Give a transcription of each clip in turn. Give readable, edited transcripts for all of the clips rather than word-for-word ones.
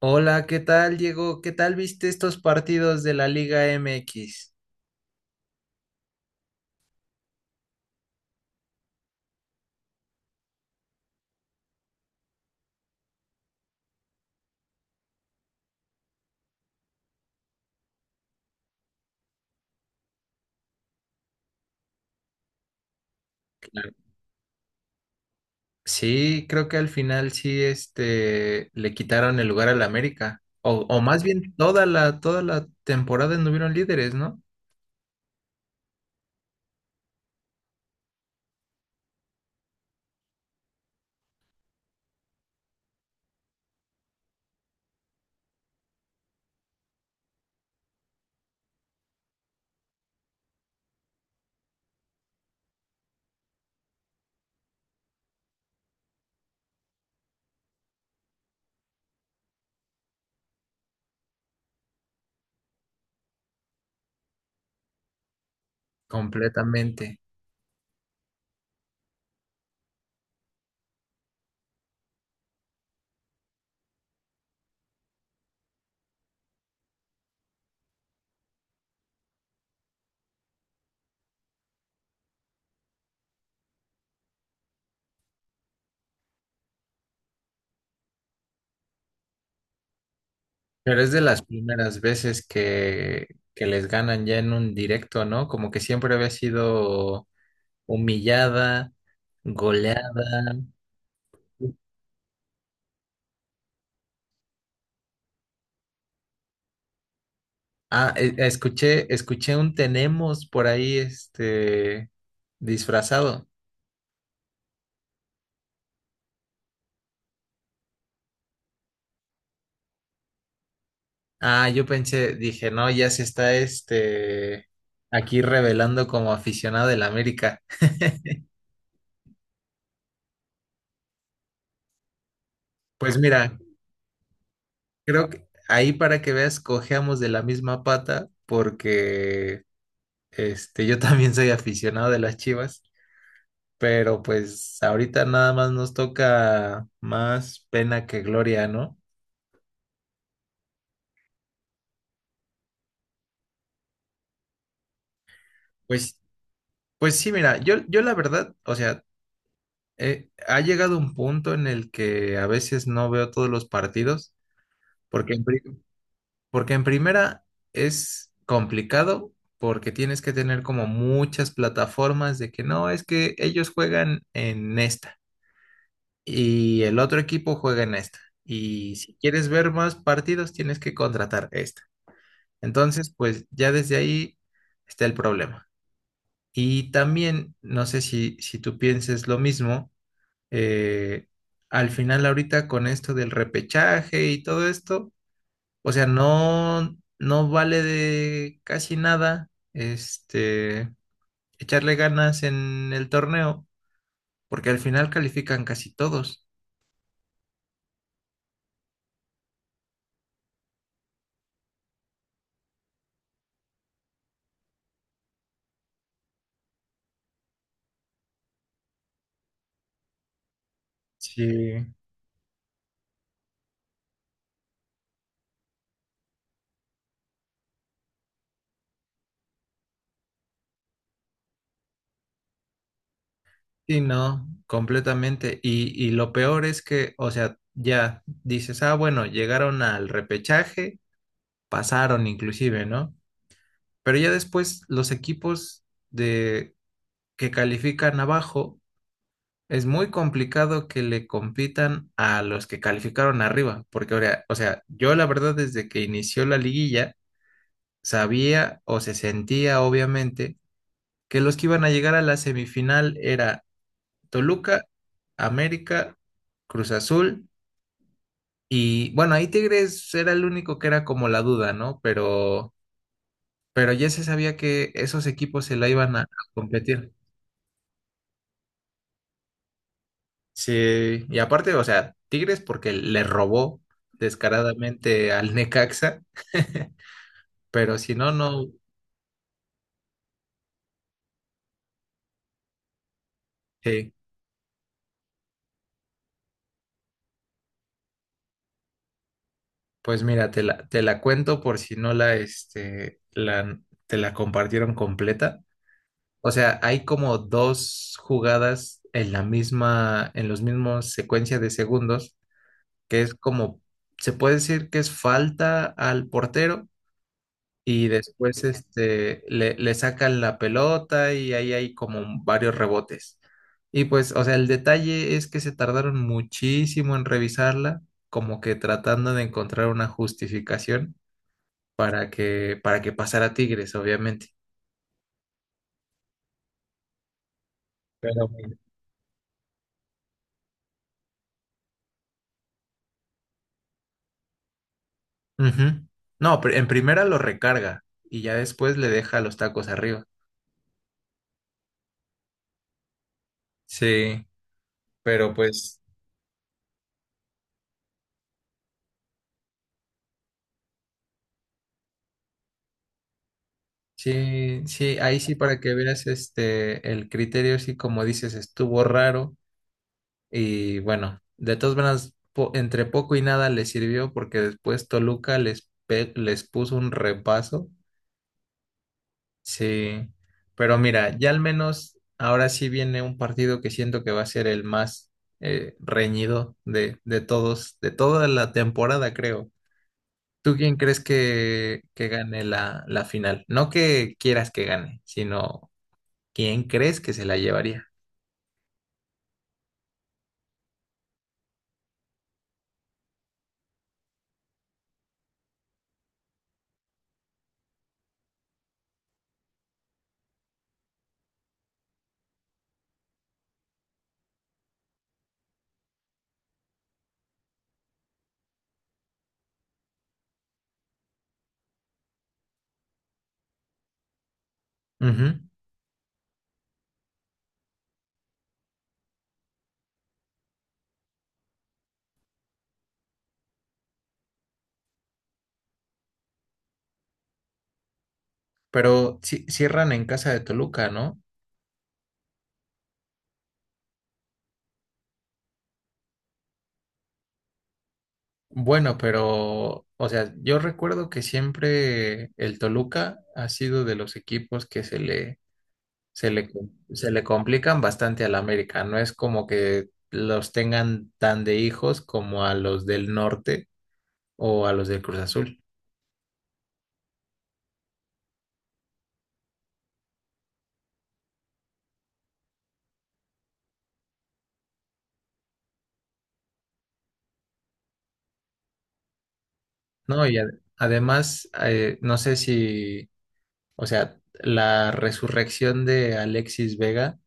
Hola, ¿qué tal, Diego? ¿Qué tal viste estos partidos de la Liga MX? Claro. Sí, creo que al final sí, este, le quitaron el lugar al América. O más bien toda la temporada anduvieron líderes, ¿no? Completamente. Pero es de las primeras veces que les ganan ya en un directo, ¿no? Como que siempre había sido humillada, goleada. Escuché un tenemos por ahí, este, disfrazado. Ah, yo pensé, dije, no, ya se está, este, aquí revelando como aficionado del América. Pues mira, creo que ahí para que veas, cojeamos de la misma pata, porque, este, yo también soy aficionado de las Chivas, pero pues ahorita nada más nos toca más pena que gloria, ¿no? Pues, pues sí, mira, yo la verdad, o sea, ha llegado un punto en el que a veces no veo todos los partidos, porque en, pri- porque en primera es complicado, porque tienes que tener como muchas plataformas de que no, es que ellos juegan en esta y el otro equipo juega en esta. Y si quieres ver más partidos, tienes que contratar esta. Entonces, pues ya desde ahí está el problema. Y también, no sé si tú pienses lo mismo, eh, al final ahorita con esto del repechaje y todo esto, o sea, no, no vale de casi nada, este, echarle ganas en el torneo, porque al final califican casi todos. Sí. Sí, no, completamente. Y lo peor es que, o sea, ya dices, ah, bueno, llegaron al repechaje, pasaron inclusive, ¿no? Pero ya después los equipos de que califican abajo. Es muy complicado que le compitan a los que calificaron arriba, porque, ahora- o sea, yo la verdad desde que inició la liguilla sabía o se sentía obviamente que los que iban a llegar a la semifinal era Toluca, América, Cruz Azul, y bueno, ahí Tigres era el único que era como la duda, ¿no? Pero ya se sabía que esos equipos se la iban a competir. Sí, y aparte, o sea, Tigres porque le robó descaradamente al Necaxa, pero si no, no, sí. Pues mira, te la cuento por si no la, este, la, te la compartieron completa. O sea, hay como dos jugadas en la misma, en los mismos secuencia de segundos, que es como, se puede decir que es falta al portero. Y después este, le sacan la pelota y ahí hay como varios rebotes. Y pues, o sea, el detalle es que se tardaron muchísimo en revisarla, como que tratando de encontrar una justificación para para que pasara Tigres, obviamente. Pero bueno. Ujú. No, pr- en primera lo recarga y ya después le deja los tacos arriba. Sí, pero pues sí, ahí sí para que veas este el criterio, sí como dices, estuvo raro. Y bueno, de todas maneras, po- entre poco y nada les sirvió porque después Toluca les, pe- les puso un repaso. Sí, pero mira, ya al menos ahora sí viene un partido que siento que va a ser el más reñido de todos, de toda la temporada, creo. ¿Tú quién crees que gane la, la final? No que quieras que gane, sino quién crees que se la llevaría. Ujú. Pero ci- cierran en casa de Toluca, ¿no? Bueno, pero, o sea, yo recuerdo que siempre el Toluca ha sido de los equipos que se le, se le, se le complican bastante al América. No es como que los tengan tan de hijos como a los del norte o a los del Cruz Azul. No, y ad- además, no sé si, o sea, la resurrección de Alexis Vega.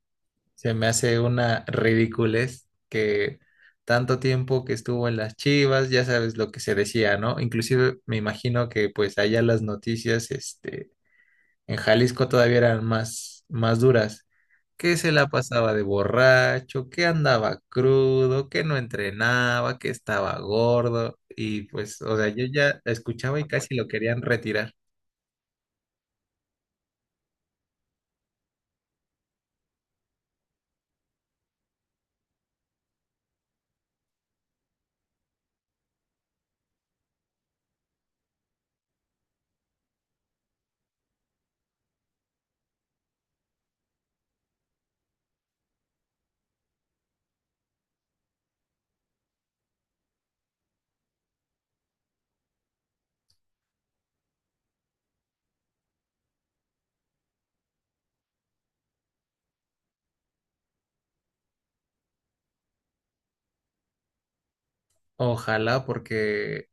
Se me hace una ridiculez que tanto tiempo que estuvo en las Chivas, ya sabes lo que se decía, ¿no? Inclusive me imagino que pues allá las noticias, este, en Jalisco todavía eran más, más duras. Que se la pasaba de borracho, que andaba crudo, que no entrenaba, que estaba gordo. Y pues, o sea, yo ya escuchaba y casi lo querían retirar. Ojalá. Porque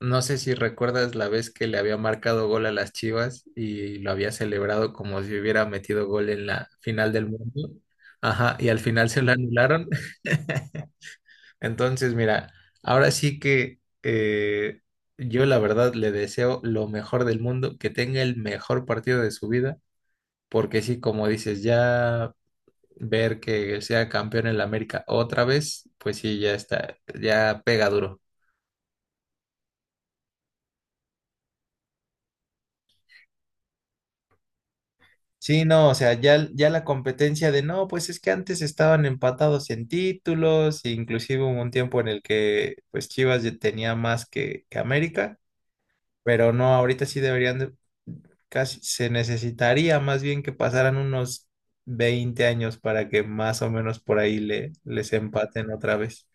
no sé si recuerdas la vez que le había marcado gol a las Chivas y lo había celebrado como si hubiera metido gol en la final del mundo. Ajá, y al final se lo anularon. Entonces, mira, ahora sí que yo la verdad le deseo lo mejor del mundo, que tenga el mejor partido de su vida, porque sí, como dices, ya ver que sea campeón en la América otra vez, pues sí, ya está, ya pega duro. Sí, no, o sea, ya la competencia de no, pues es que antes estaban empatados en títulos, e inclusive hubo un tiempo en el que pues Chivas ya tenía más que América, pero no, ahorita sí deberían de- casi se necesitaría más bien que pasaran unos 20 años para que más o menos por ahí le, les empaten otra vez.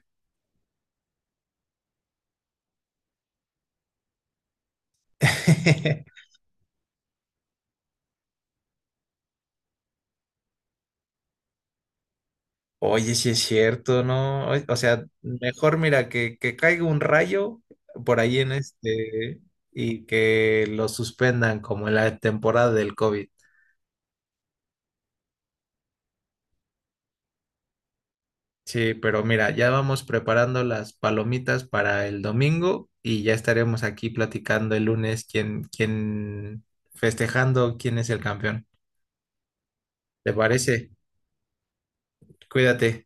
Oye, sí es cierto, ¿no? O sea, mejor mira que caiga un rayo por ahí en este y que lo suspendan como en la temporada del COVID. Sí, pero mira, ya vamos preparando las palomitas para el domingo y ya estaremos aquí platicando el lunes festejando quién es el campeón. ¿Te parece? Cuídate.